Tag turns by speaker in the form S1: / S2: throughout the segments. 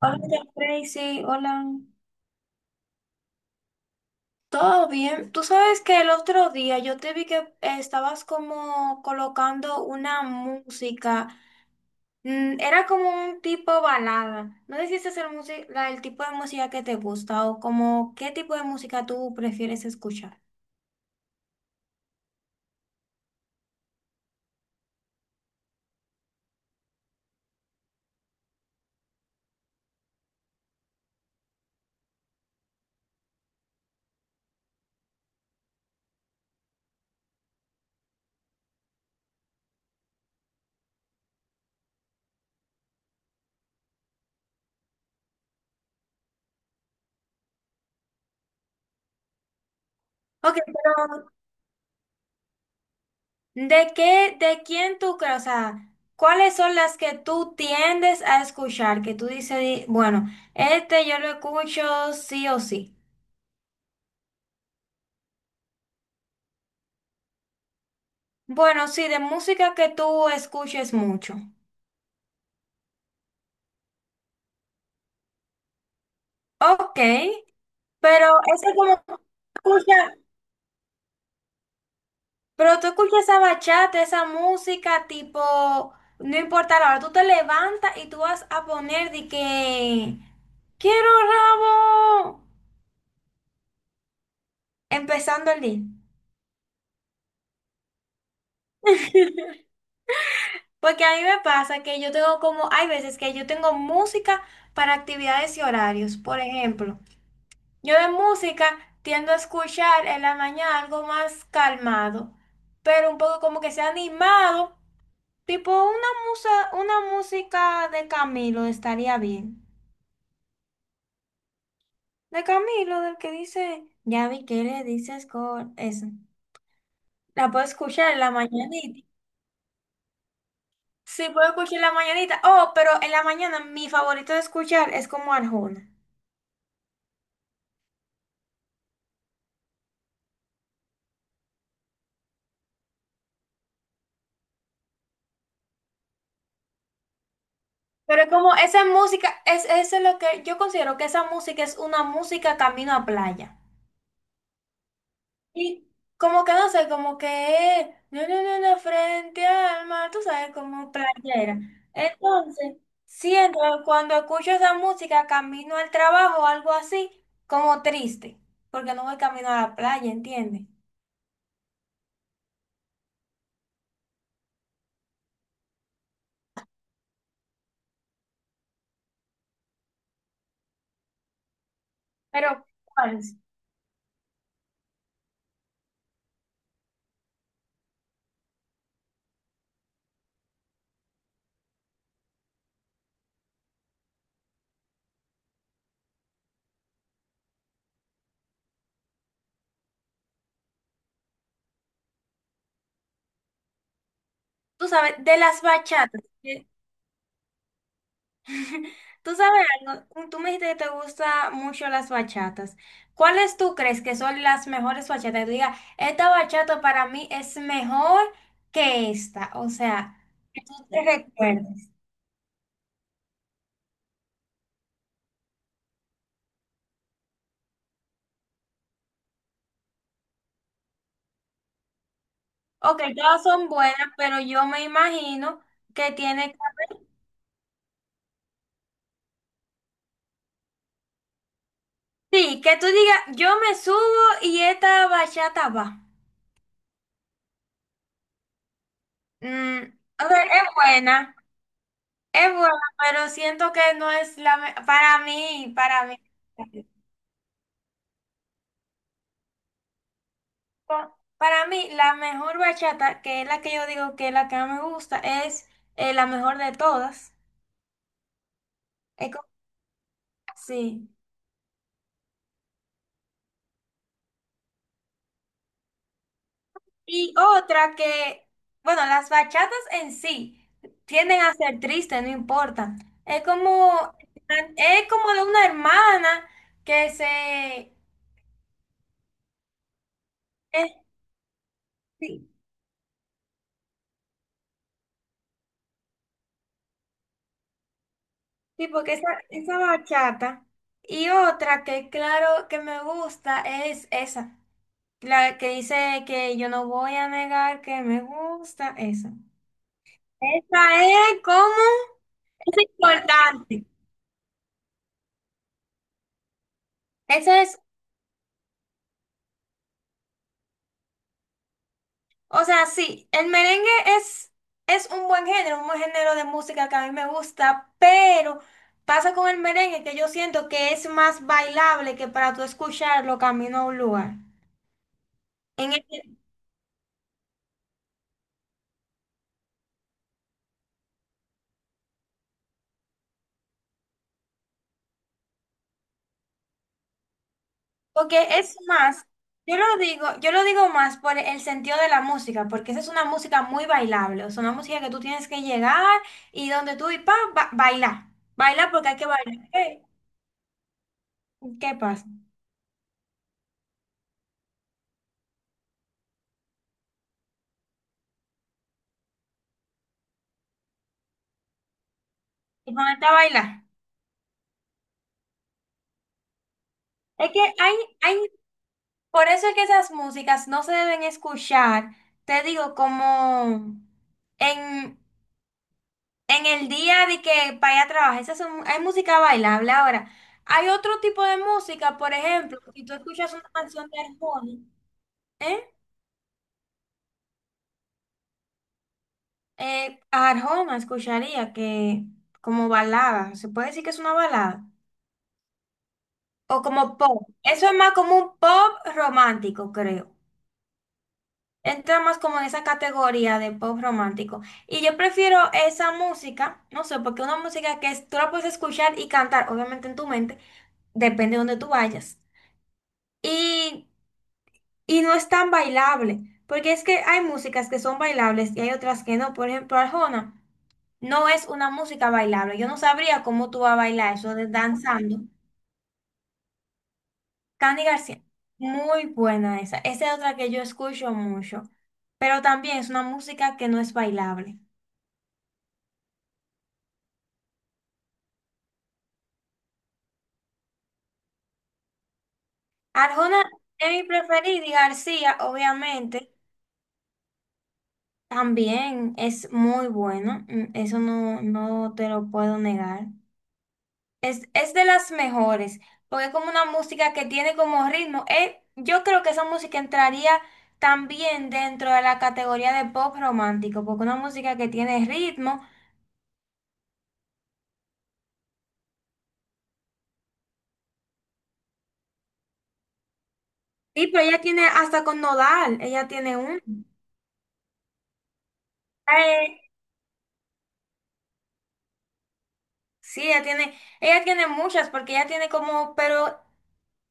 S1: Hola, Tracy, hola. ¿Todo bien? Tú sabes que el otro día yo te vi que estabas como colocando una música. Era como un tipo balada. No sé si ese es el tipo de música que te gusta o como qué tipo de música tú prefieres escuchar. Ok, pero ¿de qué, de quién tú crees? O sea, ¿cuáles son las que tú tiendes a escuchar? Que tú dices, bueno, este yo lo escucho sí o sí. Bueno, sí, de música que tú escuches mucho. Ok, pero ese como escucha, pero tú escuchas esa bachata, esa música tipo, no importa la hora, tú te levantas y tú vas a poner de que quiero rabo empezando el día. Porque a mí me pasa que yo tengo como, hay veces que yo tengo música para actividades y horarios, por ejemplo. Yo de música tiendo a escuchar en la mañana algo más calmado, pero un poco como que sea animado, tipo una musa, una música de Camilo estaría bien. De Camilo, del que dice, ya vi que le dices con eso. La puedo escuchar en la mañanita. Sí, puedo escuchar en la mañanita. Oh, pero en la mañana mi favorito de escuchar es como Arjona. Pero como esa música, es, eso es lo que yo considero que esa música es una música camino a playa. Y como que no sé, como que no, frente al mar, tú sabes, como playera. Entonces, siento que cuando escucho esa música, camino al trabajo o algo así, como triste, porque no voy camino a la playa, ¿entiendes? Pero, ¿cuáles? Tú sabes, de las bachatas. Tú sabes algo, tú me dijiste que te gustan mucho las bachatas. ¿Cuáles tú crees que son las mejores bachatas? Que tú digas, esta bachata para mí es mejor que esta. O sea, que tú te recuerdes. Ok, todas son buenas, pero yo me imagino que tiene que... Sí, que tú digas, yo me subo y esta bachata va. Mm, o sea, es buena, pero siento que no es la... Para mí, para mí. Para mí, la mejor bachata, que es la que yo digo que es la que más me gusta, es la mejor de todas. Es como así. Y otra que, bueno, las bachatas en sí tienden a ser tristes, no importa. Es como, es como de una hermana que se, es, sí, sí, porque esa bachata. Y otra que, claro, que me gusta es esa. La que dice que yo no voy a negar que me gusta, esa. Esa es como... Es importante. Ese es, o sea, sí, el merengue es, es un buen género de música que a mí me gusta, pero pasa con el merengue que yo siento que es más bailable que para tú escucharlo camino a un lugar. En el porque es más, yo lo digo más por el sentido de la música, porque esa es una música muy bailable, o sea, una música que tú tienes que llegar y donde tú y bailar, bailar porque hay que bailar. ¿Qué, qué pasa? Y ponerte a bailar. Es que hay, por eso es que esas músicas no se deben escuchar, te digo, como en en el día de que vaya a trabajar, esas son, hay música bailable. Ahora, hay otro tipo de música, por ejemplo, si tú escuchas una canción de Arjona, ¿eh? Arjona escucharía que como balada, se puede decir que es una balada, o como pop. Eso es más como un pop romántico, creo. Entra más como en esa categoría de pop romántico. Y yo prefiero esa música, no sé, porque una música tú la puedes escuchar y cantar, obviamente en tu mente, depende de donde tú vayas. Y Y no es tan bailable, porque es que hay músicas que son bailables y hay otras que no. Por ejemplo, Arjona no es una música bailable. Yo no sabría cómo tú vas a bailar eso de danzando. Candy García, muy buena esa. Esa es otra que yo escucho mucho, pero también es una música que no es bailable. Arjona es mi preferida y García, obviamente, también es muy bueno. Mm, eso no, no te lo puedo negar. Es de las mejores, porque es como una música que tiene como ritmo. Yo creo que esa música entraría también dentro de la categoría de pop romántico, porque una música que tiene ritmo. Sí, pero ella tiene hasta con nodal, ella tiene un. Eh, sí, ella tiene muchas, porque ella tiene como, pero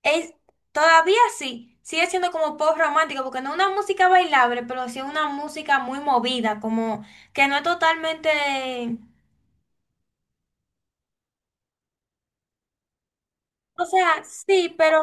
S1: es todavía sí, sigue siendo como pop romántico, porque no es una música bailable, pero sí es una música muy movida, como que no es totalmente. O sea, sí, pero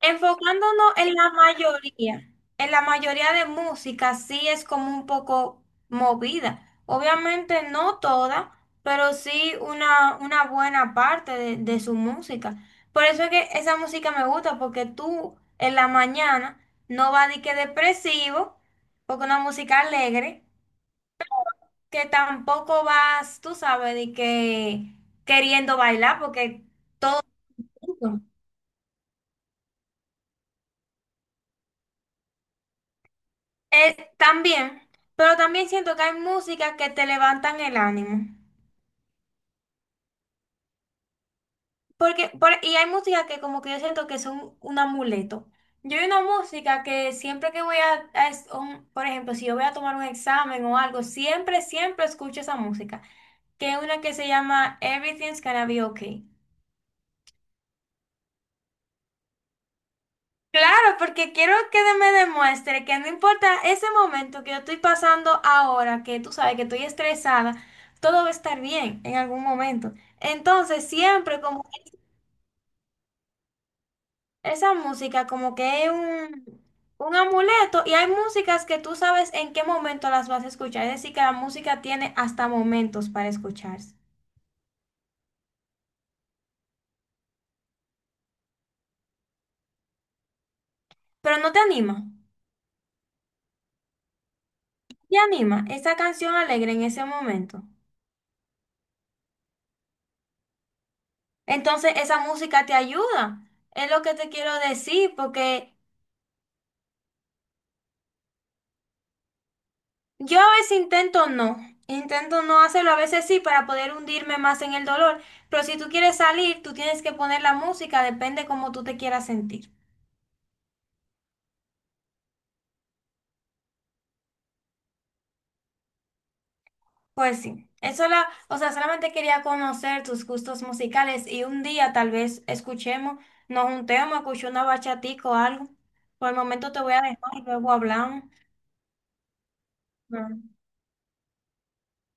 S1: enfocándonos en la mayoría de música sí es como un poco movida. Obviamente no toda, pero sí una buena parte de su música. Por eso es que esa música me gusta, porque tú en la mañana no vas de que depresivo, porque una música alegre, que tampoco vas, tú sabes, de que queriendo bailar, porque... También, pero también siento que hay músicas que te levantan el ánimo. Y hay músicas que como que yo siento que son un amuleto. Yo hay una música que siempre que voy a, por ejemplo, si yo voy a tomar un examen o algo, siempre, siempre escucho esa música, que es una que se llama Everything's Gonna Be Okay. Claro, porque quiero que me demuestre que no importa ese momento que yo estoy pasando ahora, que tú sabes que estoy estresada, todo va a estar bien en algún momento. Entonces, siempre como que esa música como que es un amuleto y hay músicas que tú sabes en qué momento las vas a escuchar. Es decir, que la música tiene hasta momentos para escucharse. Pero no te anima, no te anima esa canción alegre en ese momento. Entonces, esa música te ayuda. Es lo que te quiero decir, porque... Yo a veces intento no hacerlo, a veces sí para poder hundirme más en el dolor, pero si tú quieres salir, tú tienes que poner la música, depende cómo tú te quieras sentir. Pues sí, eso la, o sea, solamente quería conocer tus gustos musicales y un día tal vez escuchemos, nos juntemos, escuchemos una bachatica o algo. Por el momento te voy a dejar y luego hablamos. No.